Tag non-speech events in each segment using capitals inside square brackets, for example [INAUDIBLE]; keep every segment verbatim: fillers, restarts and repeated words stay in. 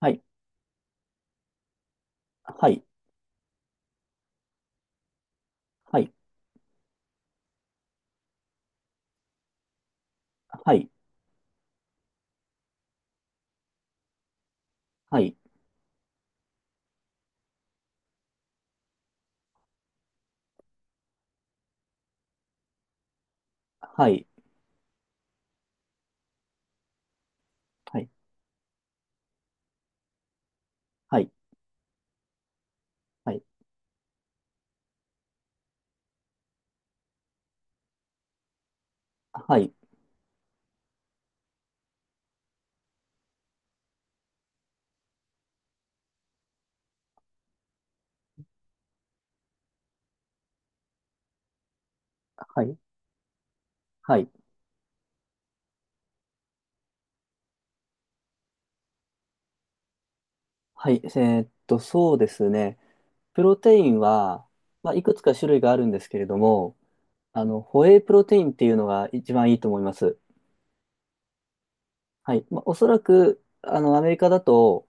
はい、はい、はい、はい、はい、はい、はい、はい、はい、はい、はい、はい、はいえーっと、そうですね。プロテインは、まあ、いくつか種類があるんですけれども、あの、ホエイプロテインっていうのが一番いいと思います。はい。まあ、おそらく、あの、アメリカだと、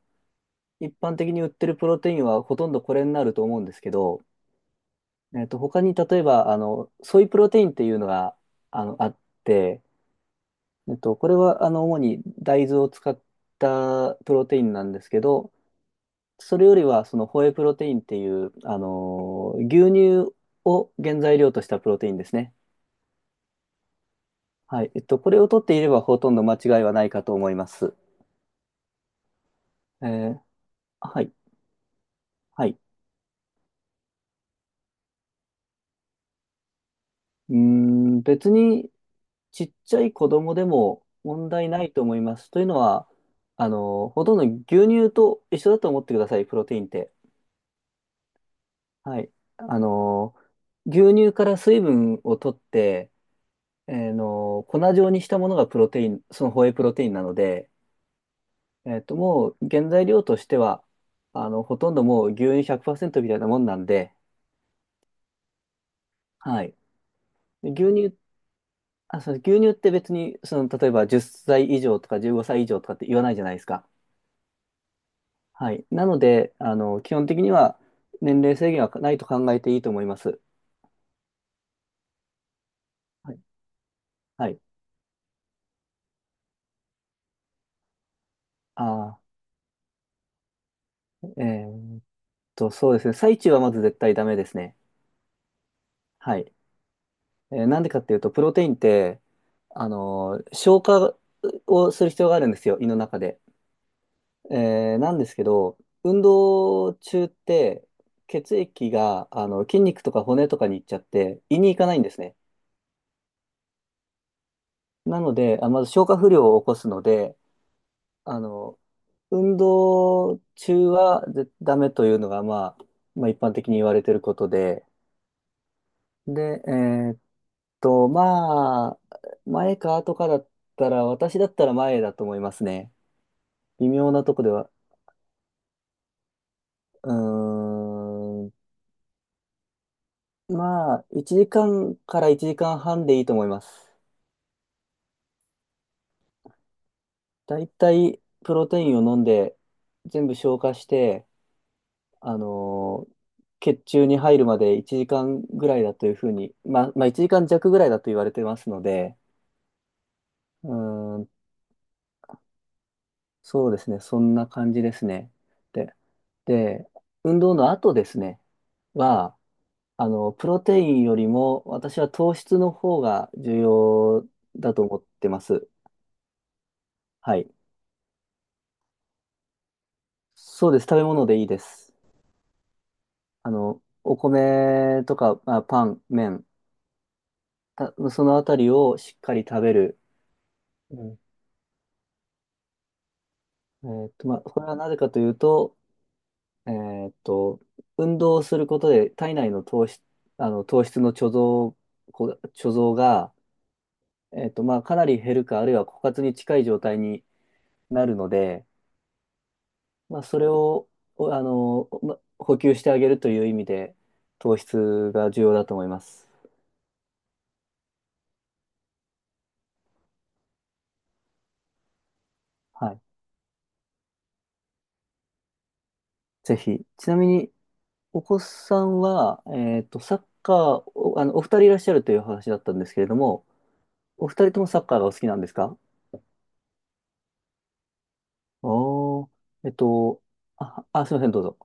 一般的に売ってるプロテインはほとんどこれになると思うんですけど、えーっと、他に例えば、あの、ソイプロテインっていうのが、あの、あって、えっと、これはあの主に大豆を使ったプロテインなんですけど、それよりはそのホエイプロテインっていう、あのー牛乳を原材料としたプロテインですね。はい。えっと、これを取っていればほとんど間違いはないかと思います。えーはい。はい。うーん、別にちっちゃい子供でも問題ないと思います。というのは、あのーほとんど牛乳と一緒だと思ってください、プロテインって。はい。あの、牛乳から水分を取って、えーの、粉状にしたものがプロテイン、そのホエイプロテインなので、えっと、もう原材料としては、あの、ほとんどもう牛乳ひゃくパーセントみたいなもんなんで、はい。で牛乳、あ、そう、牛乳って別に、その、例えばじゅっさい以上とかじゅうごさい以上とかって言わないじゃないですか。はい。なので、あの、基本的には年齢制限はないと考えていいと思います。はい。はい。あー、えーと、そうですね。最中はまず絶対ダメですね。はい。えーなんでかっていうと、プロテインって、あのー消化をする必要があるんですよ、胃の中で。えーなんですけど、運動中って、血液が、あの、筋肉とか骨とかに行っちゃって、胃に行かないんですね。なので、あ、まず消化不良を起こすので、あの、運動中はぜダメというのが、まあ、まあ、一般的に言われていることで、で、えーと、まあ、前か後かだったら、私だったら前だと思いますね。微妙なとこでは。うーん。まあ、いちじかんかんからいちじかんはんでいいと思います。だいたいプロテインを飲んで、全部消化して、あのー血中に入るまでいちじかんぐらいだというふうに、まあ、まあいちじかん弱ぐらいだと言われてますので、うーん、そうですね、そんな感じですね。で、で、運動の後ですね、は、あの、プロテインよりも、私は糖質の方が重要だと思ってます。はい。そうです。食べ物でいいです。あの、お米とか、まあ、パン、麺、たそのあたりをしっかり食べる。うんえーっと、まあ、これはなぜかというと、えーっと、運動をすることで体内の糖質、あの、糖質の貯蔵、こ貯蔵が、えーっと、まあ、かなり減るか、あるいは枯渇に近い状態になるので、まあ、それを、おあの、ま、補給してあげるという意味で、糖質が重要だと思います。はい。ぜひ。ちなみに、お子さんは、えっと、サッカー、お、あの、お二人いらっしゃるという話だったんですけれども、お二人ともサッカーがお好きなんですか？おー、えっと、あ、あ、すいません、どうぞ。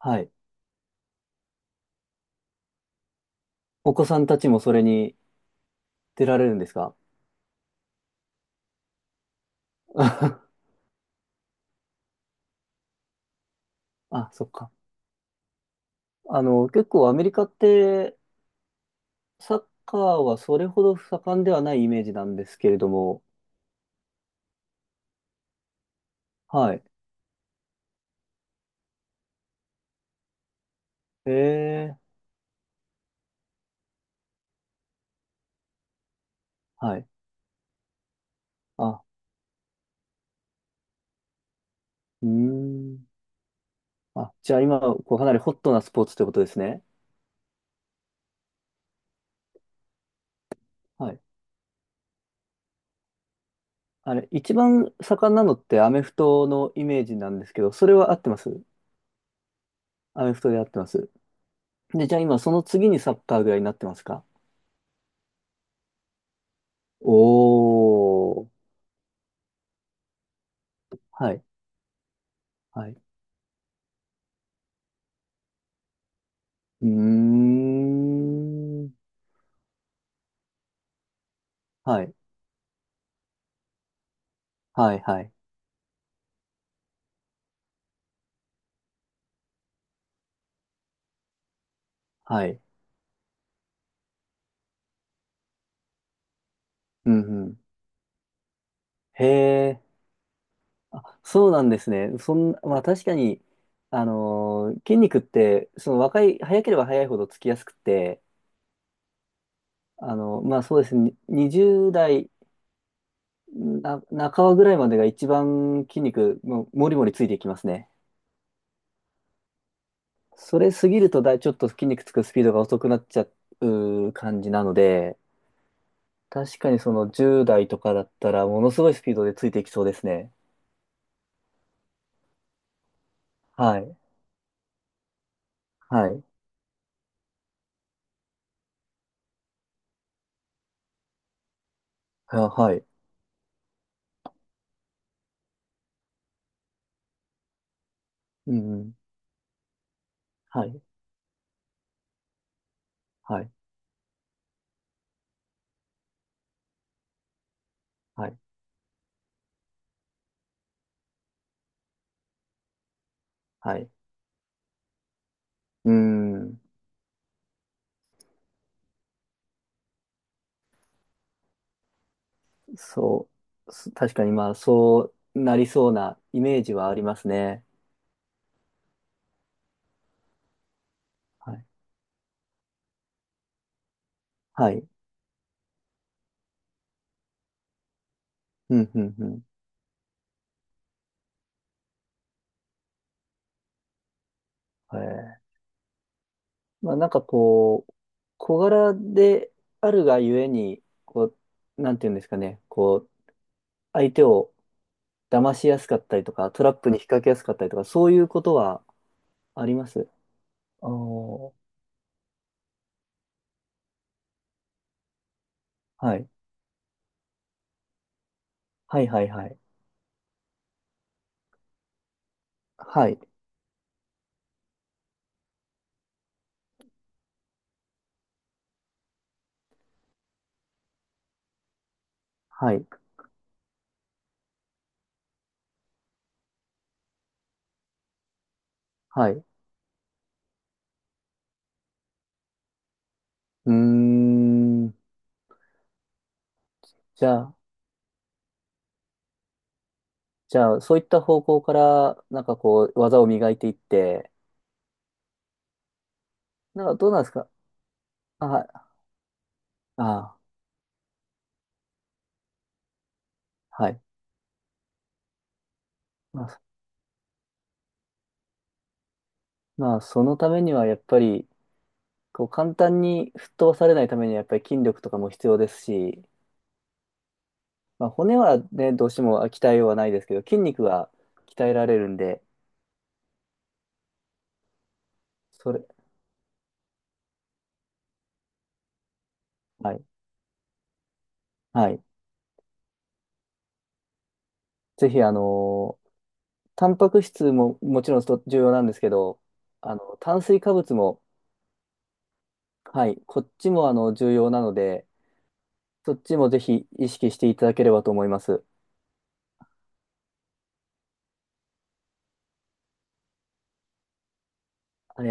はい。お子さんたちもそれに出られるんですか？ [LAUGHS] あ、そっか。あの、結構アメリカって、サッカーはそれほど盛んではないイメージなんですけれども、はい。ええ、はい。あ、うーん。あ、じゃあ今、こうかなりホットなスポーツってことですね。はい。あれ、一番盛んなのってアメフトのイメージなんですけど、それは合ってます？アメフトで合ってます。で、じゃあ今、その次にサッカーぐらいになってますか？おー。はい。はい。うーん。はい。はい、はい。はい。うん、うん。へえ。あ、そうなんですね。そん、まあ確かに、あのー筋肉って、その若い、早ければ早いほどつきやすくて、あのまあそうですね、ににじゅう代な半ばぐらいまでが一番筋肉、もうもりもりついていきますね。それ過ぎるとだい、ちょっと筋肉つくスピードが遅くなっちゃう感じなので、確かにそのじゅう代とかだったら、ものすごいスピードでついていきそうですね。はい。はい。ははい。うんうん。はい。はい。はい。はい。うーん。そう、す確かにまあ、そうなりそうなイメージはありますね。はい。はい。うん、うん、うん。えー、まあ、なんかこう、小柄であるがゆえに、こう、なんていうんですかね、こう、相手を騙しやすかったりとか、トラップに引っ掛けやすかったりとか、そういうことはあります。ああはい。はい、はい、はい。はい。はい。はい。うーん。じゃあ、じゃあ、そういった方向から、なんかこう、技を磨いていって、なんかどうなんですか？あ、はい。あ、はい。まあ、まあそのためにはやっぱり、こう、簡単に吹っ飛ばされないためにはやっぱり筋力とかも必要ですし、まあ、骨はね、どうしても鍛えようはないですけど、筋肉は鍛えられるんで、それ、はい。はい。ぜひ、あのータンパク質ももちろんと重要なんですけど、あの、炭水化物も、はい、こっちもあの、重要なので、そっちもぜひ意識していただければと思います。あ